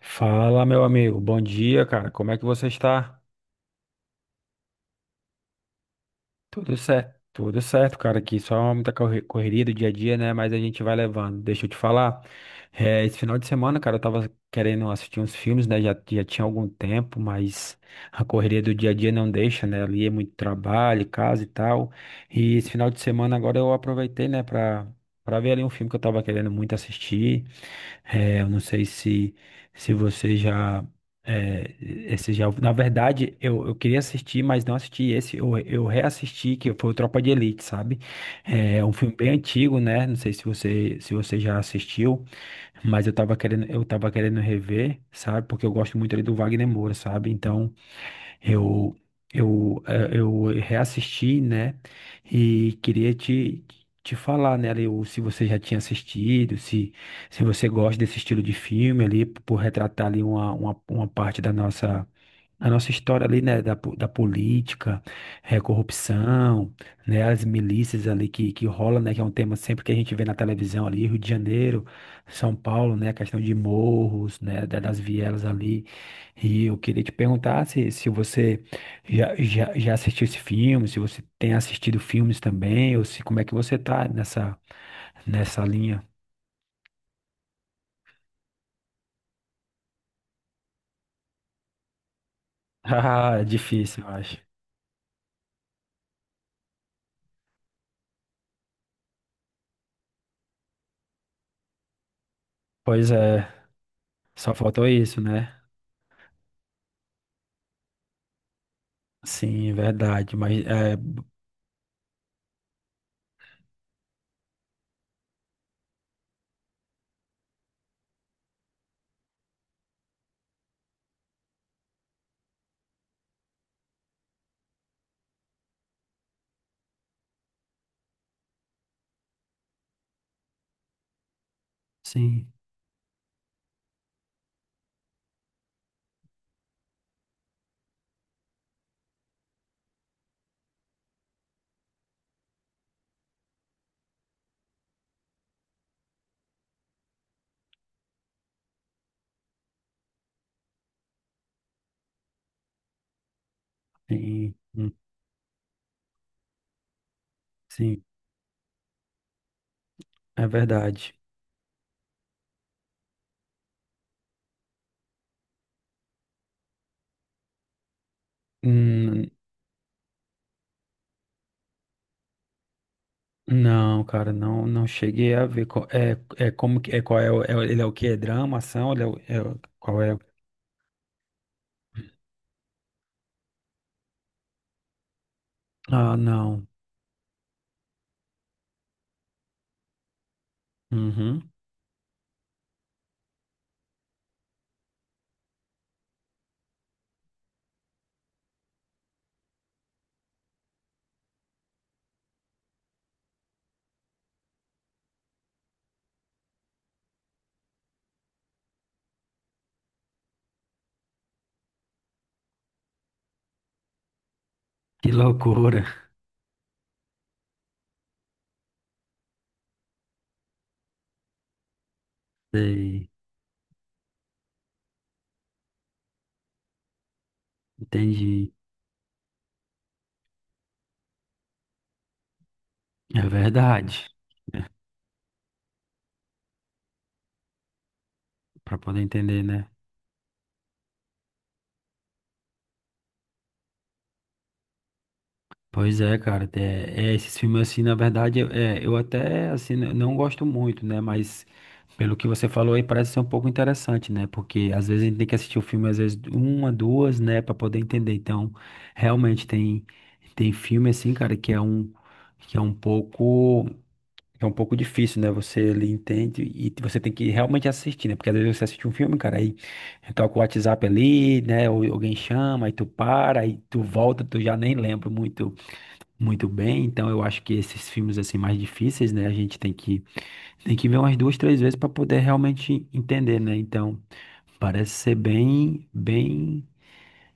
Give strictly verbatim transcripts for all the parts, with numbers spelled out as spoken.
Fala, meu amigo. Bom dia, cara. Como é que você está? Tudo certo. Tudo certo, cara. Aqui só muita corre- correria do dia a dia, né? Mas a gente vai levando. Deixa eu te falar. Eh, esse final de semana, cara, eu tava querendo assistir uns filmes, né? Já, já tinha algum tempo, mas a correria do dia a dia não deixa, né? Ali é muito trabalho, casa e tal. E esse final de semana agora eu aproveitei, né, pra, pra ver ali um filme que eu tava querendo muito assistir. É, eu não sei se, se você já, é, esse já. Na verdade, eu, eu queria assistir, mas não assisti esse. Eu, eu reassisti, que foi o Tropa de Elite, sabe? É um filme bem antigo, né? Não sei se você, se você já assistiu, mas eu tava querendo, eu tava querendo rever, sabe? Porque eu gosto muito ali do Wagner Moura, sabe? Então. Eu, eu, eh, eu reassisti, né? E queria te, te falar, né, ali, o- se você já tinha assistido, se, se você gosta desse estilo de filme ali, por retratar ali uma, uma, uma parte da nossa. A nossa história ali, né, da, po- da política, eh, corrupção, né, as milícias ali que, que rola, né, que é um tema sempre que a gente vê na televisão ali, Rio de Janeiro, São Paulo, né, a questão de morros, né, da- das vielas ali. E eu queria te perguntar se, se você já, já, já assistiu esse filme, se você tem assistido filmes também, ou se como é que você tá nessa, nessa linha. Ah, é difícil, eu acho. Pois é, só faltou isso, né? Sim, verdade, mas é, sim. Sim, hum, sim, é verdade. Hum, não, cara, não, não cheguei a ver qual, é, é como que é qual é, o- é o- ele é o que é drama, ação, ele é, o- é o- qual é? o- Ah, não. Uhum. Que loucura. Sei, entendi. É verdade. Para poder entender, né? Pois é, cara, é, é, esses filmes assim, na verdade, é, eu até assim n- não gosto muito, né? Mas pelo que você falou aí parece ser um pouco interessante, né? Porque às vezes a gente tem que assistir o filme às vezes uma, duas, né, pra poder entender. Então, realmente tem tem filme assim, cara, que é um que é um pouco que é um pouco difícil, né? Você ele entende e você tem que realmente assistir, né? Porque às vezes você assiste um filme, cara, aí toca o WhatsApp ali, né? Ou alguém chama, aí tu para, aí tu volta, tu já nem lembra muito muito bem, então eu acho que esses filmes assim mais difíceis, né, a gente tem que tem que ver umas duas, três vezes para poder realmente entender, né? Então, parece ser bem bem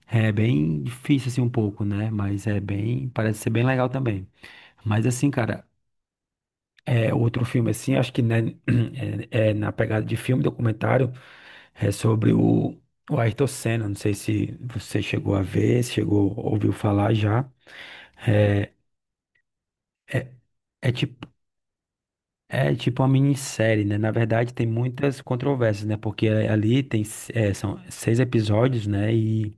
é bem difícil assim um pouco, né? Mas é bem, parece ser bem legal também. Mas assim, cara, é outro filme assim, acho que né, é, é na pegada de filme documentário, é sobre o o Ayrton Senna, não sei se você chegou a ver, se chegou, ouviu falar já. É, é, é tipo É tipo uma minissérie, né? Na verdade, tem muitas controvérsias, né? Porque eh, ali tem, eh, são seis episódios, né? E,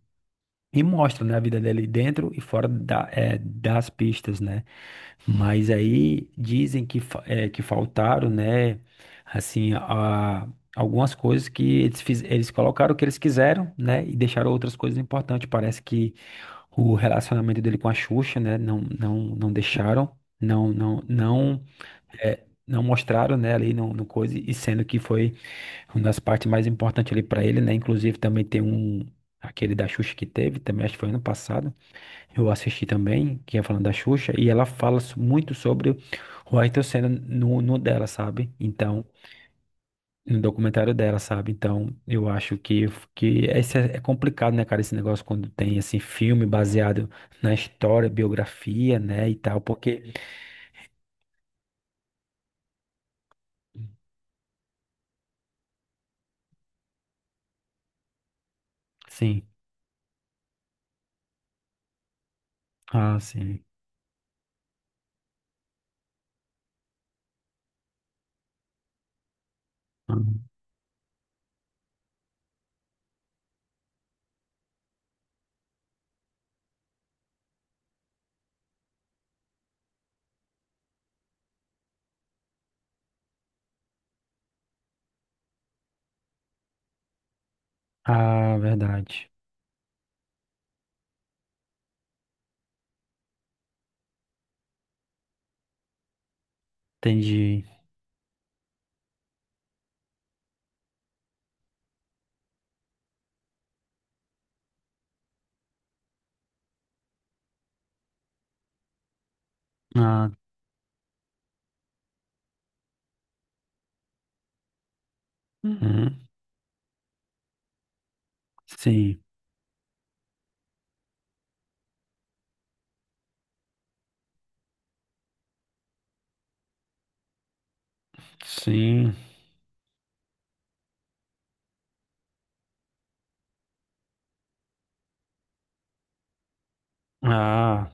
E mostra, né, a vida dele dentro e fora da, eh, das pistas, né? Mas aí dizem que, fa- eh, que faltaram, né? Assim, a, algumas coisas que eles, fiz, eles colocaram o que eles quiseram, né? E deixaram outras coisas importantes. Parece que o relacionamento dele com a Xuxa, né? Não, não, não deixaram. Não, não, não é, não mostraram, né, ali no, no coisa, e sendo que foi uma das partes mais importantes ali para ele, né, inclusive também tem um, aquele da Xuxa que teve, também acho que foi ano passado, eu assisti também, que é falando da Xuxa, e ela fala so- muito sobre o Ayrton Senna no, no dela, sabe, então, no documentário dela, sabe, então, eu acho que, que esse é, é complicado, né, cara, esse negócio quando tem, assim, filme baseado na história, biografia, né, e tal, porque, sim, ah, sim. Ah, verdade. Entendi. Ah, uhum. Sim, sim. Ah,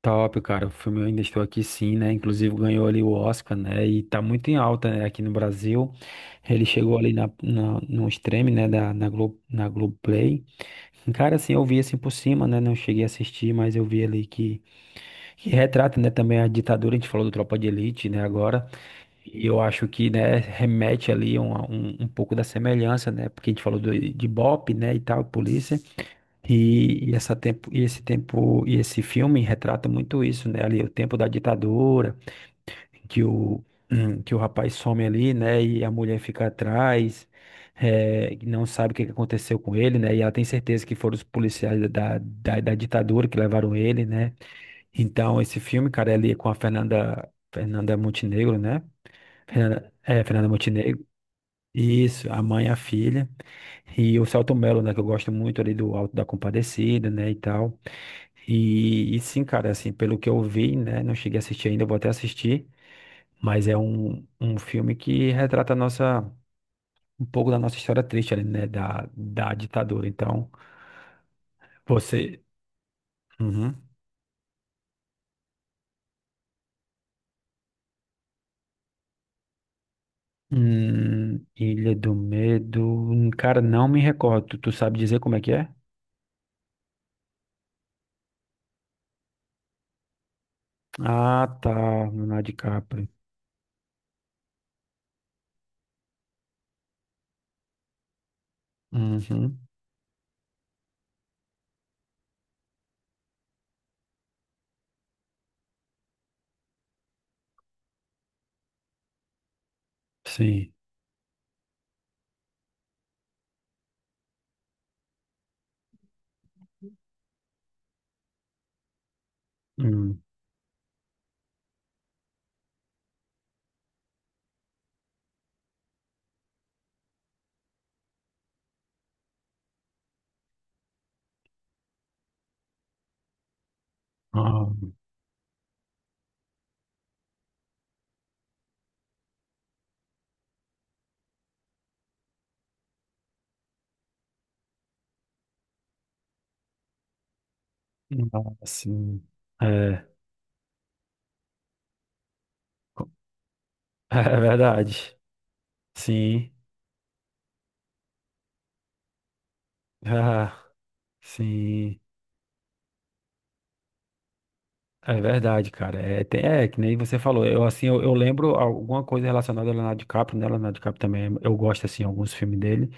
top, cara. O filme Eu Ainda Estou Aqui, sim, né? Inclusive ganhou ali o Oscar, né? E tá muito em alta, né? Aqui no Brasil. Ele chegou ali na, na, no stream, né? Da, na Glo Na Globoplay. Cara, assim, eu vi assim por cima, né? Não cheguei a assistir, mas eu vi ali que, que retrata, né? Também a ditadura. A gente falou do Tropa de Elite, né? Agora. E eu acho que, né, remete ali um, a um, um pouco da semelhança, né? Porque a gente falou do, de BOPE, né, e tal, polícia. E, e essa tempo, e esse tempo, E esse filme retrata muito isso, né? Ali, o tempo da ditadura, que o, que o rapaz some ali, né? E a mulher fica atrás, eh, e não sabe o que que aconteceu com ele, né? E ela tem certeza que foram os policiais da, da, da ditadura que levaram ele, né? Então, esse filme, cara, é ali com a Fernanda, Fernanda Montenegro, né? É, Fernanda Montenegro. Isso, a mãe, e a filha e o Selton Mello, né, que eu gosto muito ali do Alto da Compadecida, né, e tal. E, e sim, cara, assim, pelo que eu vi, né, não cheguei a assistir ainda, vou até assistir, mas é um, um filme que retrata a nossa, um pouco da nossa história triste ali, né, da, da ditadura. Então, você... Uhum. Hum, Ilha do Medo, cara, não me recordo, tu, tu sabe dizer como é que é? Ah, tá, Leonardo DiCaprio. Uhum. Sim. Hum. Ah. Ah, sim. É, co- é verdade. Sim. Ah, sim. É verdade, cara. É, tem, é que nem você falou. Eu assim, eu, eu lembro alguma coisa relacionada a Leonardo DiCaprio, né? Leonardo DiCaprio também. Eu gosto assim alguns filmes dele,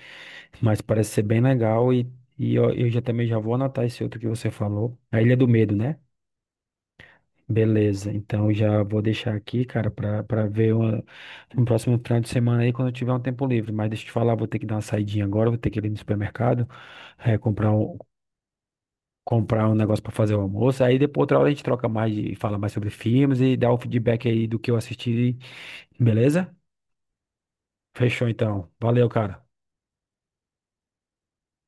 mas parece ser bem legal e, e eu, eu já também já vou anotar esse outro que você falou. A Ilha do Medo, né? Beleza, então já vou deixar aqui, cara, pra, pra ver uma, um próximo final de semana aí quando eu tiver um tempo livre. Mas deixa eu te falar, vou ter que dar uma saidinha agora, vou ter que ir no supermercado, eh, comprar um, comprar um negócio pra fazer o almoço. Aí depois outra hora a gente troca mais e fala mais sobre filmes e dá o feedback aí do que eu assisti, beleza? Fechou então. Valeu, cara.